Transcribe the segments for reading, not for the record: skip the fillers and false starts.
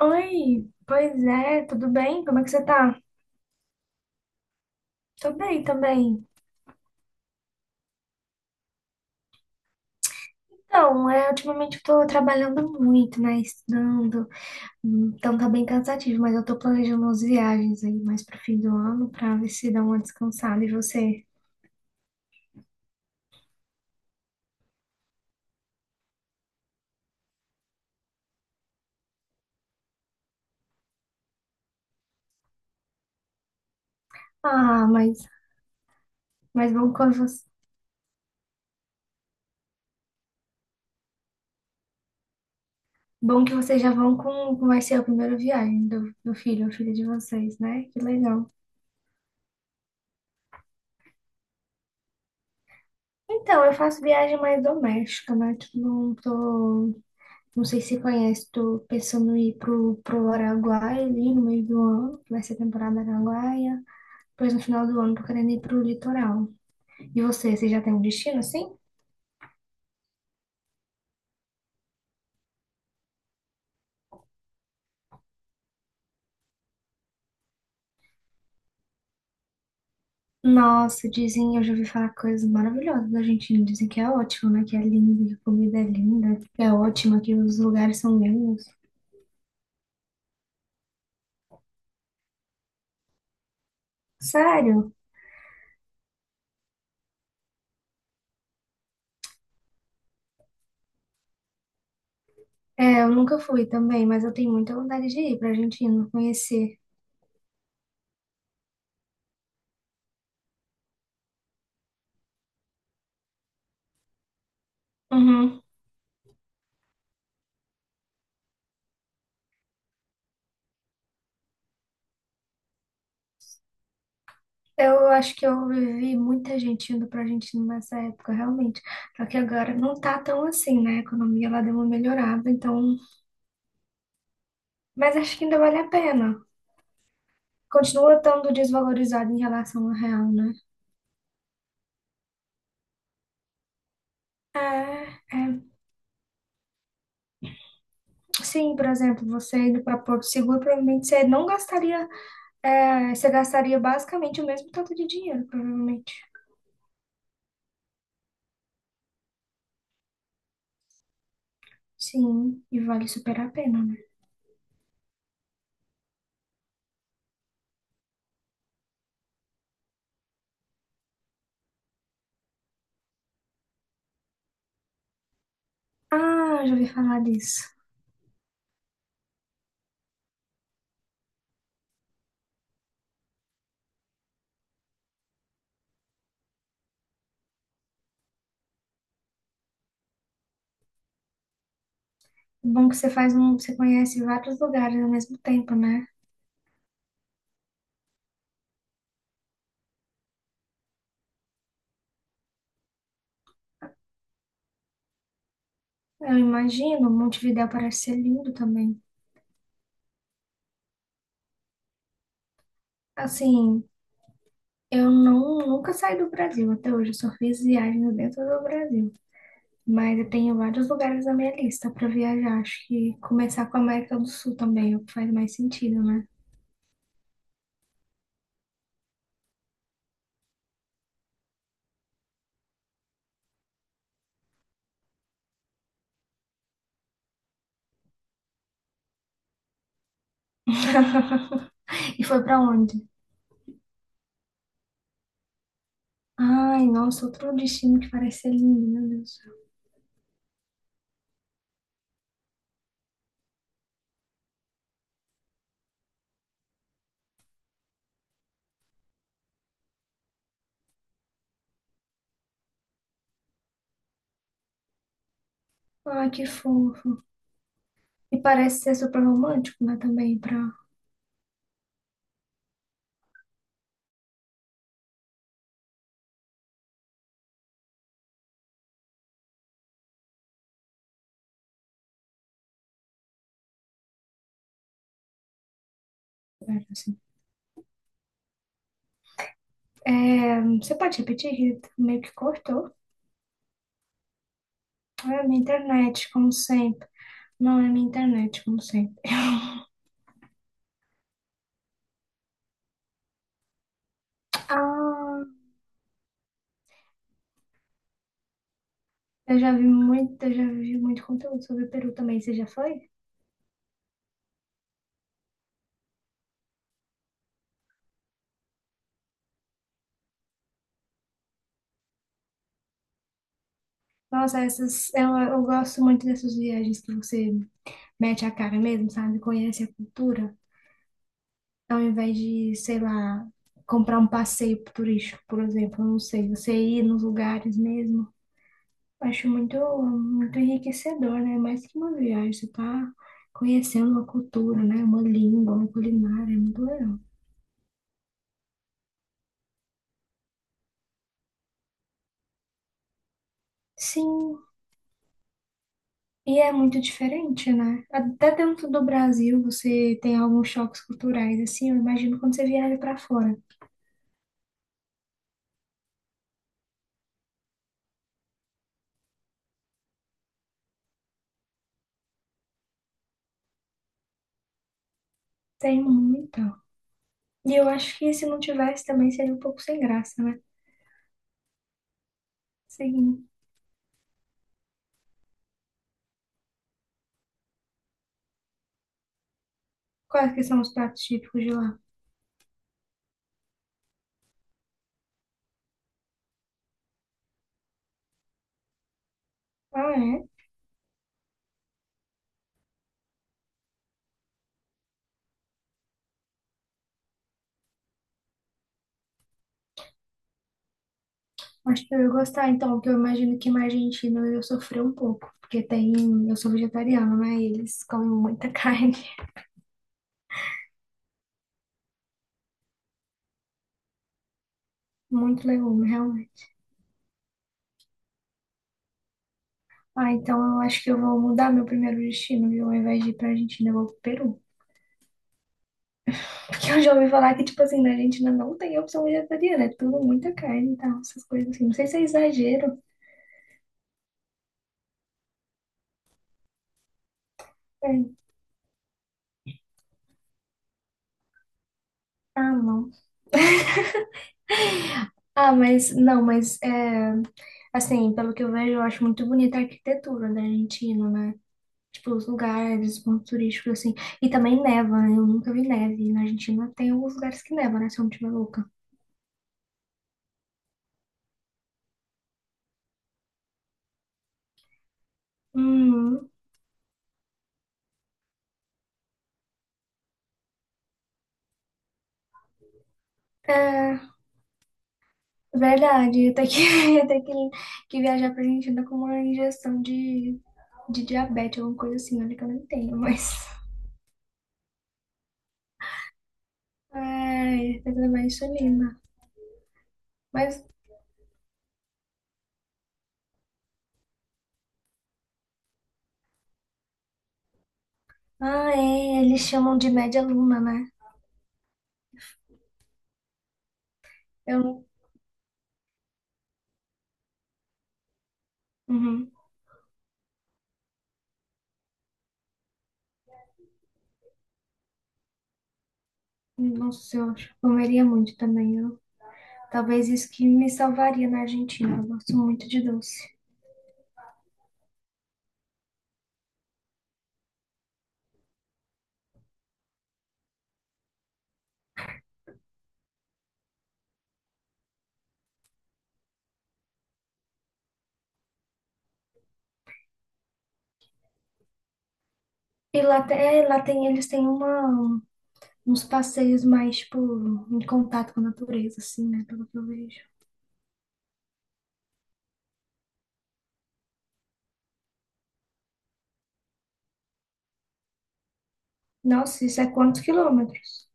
Oi, pois é, tudo bem? Como é que você tá? Tô bem também. Então, é, ultimamente eu tô trabalhando muito, né? Estudando, então tá bem cansativo, mas eu tô planejando umas viagens aí mais pro fim do ano pra ver se dá uma descansada. E você? Ah, mas bom, bom que vocês já vão com vai ser a primeira viagem do filho ou filha de vocês, né? Que legal. Então, eu faço viagem mais doméstica, né? Tipo, não tô. Não sei se conhece, tô pensando em ir pro Araguaia ali no meio do ano, que vai ser temporada Araguaia. Depois no final do ano tô querendo ir pro litoral. E você, você já tem um destino assim? Nossa, dizem, eu já ouvi falar coisas maravilhosas da Argentina. Dizem que é ótimo, né? Que é lindo, que a comida é linda, que é ótima, que os lugares são lindos. Sério? É, eu nunca fui também, mas eu tenho muita vontade de ir pra Argentina, conhecer. Uhum. Eu acho que eu vivi muita gente indo para a Argentina nessa época, realmente. Só que agora não tá tão assim, né? A economia lá deu uma melhorada, então. Mas acho que ainda vale a pena. Continua estando desvalorizado em relação ao real, né? É, é. Sim, por exemplo, você indo para Porto Seguro, provavelmente você não gastaria. É, você gastaria basicamente o mesmo tanto de dinheiro, provavelmente. Sim, e vale super a pena, né? Ah, já ouvi falar disso. Bom que você faz um, você conhece vários lugares ao mesmo tempo, né? Eu imagino, Montevidéu parece ser lindo também. Assim, eu não, nunca saí do Brasil até hoje, eu só fiz viagens dentro do Brasil. Mas eu tenho vários lugares na minha lista para viajar. Acho que começar com a América do Sul também, é o que faz mais sentido, né? E foi para onde? Ai, nossa, outro destino que parece ser lindo, meu Deus do céu. Ai, que fofo. E parece ser super romântico, né? Também para. Assim. É, você pode repetir? Que meio que cortou. Não é minha internet, como sempre. Não é minha internet, como sempre. Ah, eu já vi muito conteúdo sobre o Peru também. Você já foi? Nossa, essas, eu gosto muito dessas viagens que você mete a cara mesmo, sabe? Conhece a cultura, ao invés de, sei lá, comprar um passeio turístico, por exemplo. Eu não sei, você ir nos lugares mesmo. Acho muito, muito enriquecedor, né? Mais que uma viagem, você tá conhecendo uma cultura, né? Uma língua, uma culinária, é muito legal. Sim, e é muito diferente, né? Até dentro do Brasil você tem alguns choques culturais, assim, eu imagino quando você viaja pra fora. Tem muita. E eu acho que se não tivesse também seria um pouco sem graça, né? Sim. Quais que são os pratos típicos de lá? Ah, é? Acho que eu ia gostar, então, porque eu imagino que na Argentina eu ia sofrer um pouco. Porque tem. Eu sou vegetariana, né? E eles comem muita carne, muito legume, realmente. Ah, então eu acho que eu vou mudar meu primeiro destino, viu? Ao invés de ir pra Argentina, eu vou pro Peru. Porque eu já ouvi falar que, tipo assim, na Argentina não tem opção vegetariana, é tudo muita carne e tal, essas coisas assim. Não sei se é exagero. É. Ah, não. Ah, mas não, mas é, assim, pelo que eu vejo, eu acho muito bonita a arquitetura da Argentina, né? Tipo, os lugares, os pontos turísticos, assim. E também neva, né? Eu nunca vi neve. Na Argentina tem alguns lugares que neva, né? Se eu não estiver louca. Hum, é, verdade, ia ter que viajar pra Argentina com uma injeção de diabetes, alguma coisa assim, olha que eu não tenho, mas. Ai, tem que levar insulina. Mas, ah, é, eles chamam de média luna, né? Eu não. Uhum. Nossa, eu acho que comeria muito também. Eu, talvez isso que me salvaria na Argentina. Eu gosto muito de doce. E lá, é, lá tem, eles têm uma, uns passeios mais, tipo, em contato com a natureza, assim, né? Pelo que eu vejo. Nossa, isso é quantos quilômetros?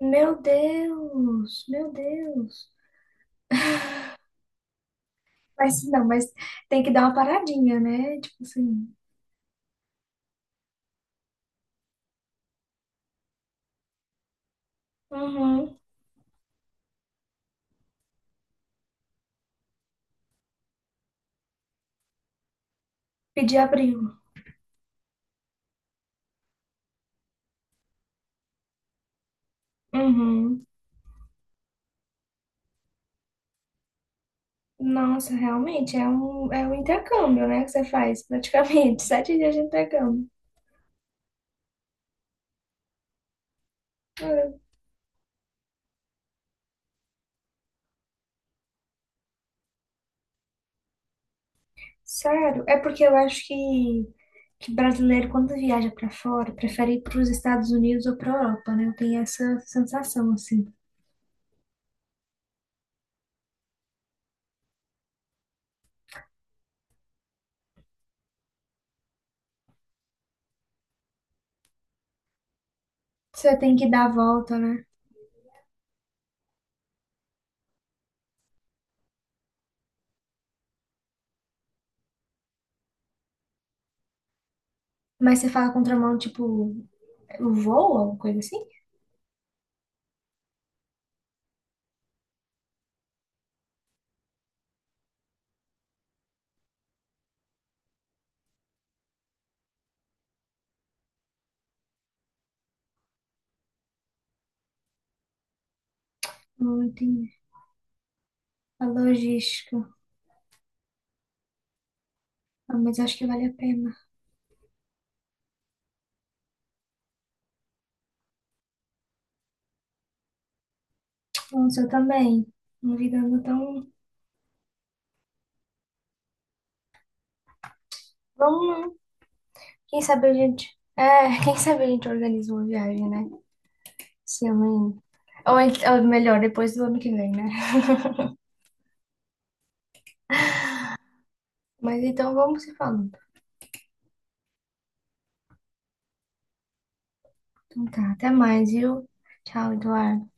Meu Deus, meu Deus. Mas não, mas tem que dar uma paradinha, né? Tipo assim. Uhum. Pedir abrigo. Uhum. Nossa, realmente é um intercâmbio, né? Que você faz praticamente. 7 dias de intercâmbio. Ah, sério? É porque eu acho que brasileiro, quando viaja pra fora, prefere ir pros Estados Unidos ou pra Europa, né? Eu tenho essa sensação, assim. Você tem que dar a volta, né? Mas você fala contramão, tipo, o voo, alguma coisa assim? Não entendi. A logística. Ah, mas acho que vale a pena. Nossa, eu também. Uma vida não tão. Vamos, né? Quem sabe a gente. É, quem sabe a gente organiza uma viagem, né? Se eu Ou, ou melhor, depois do ano que vem, né? Mas então vamos se falando. Então tá, até mais, viu? Tchau, Eduardo.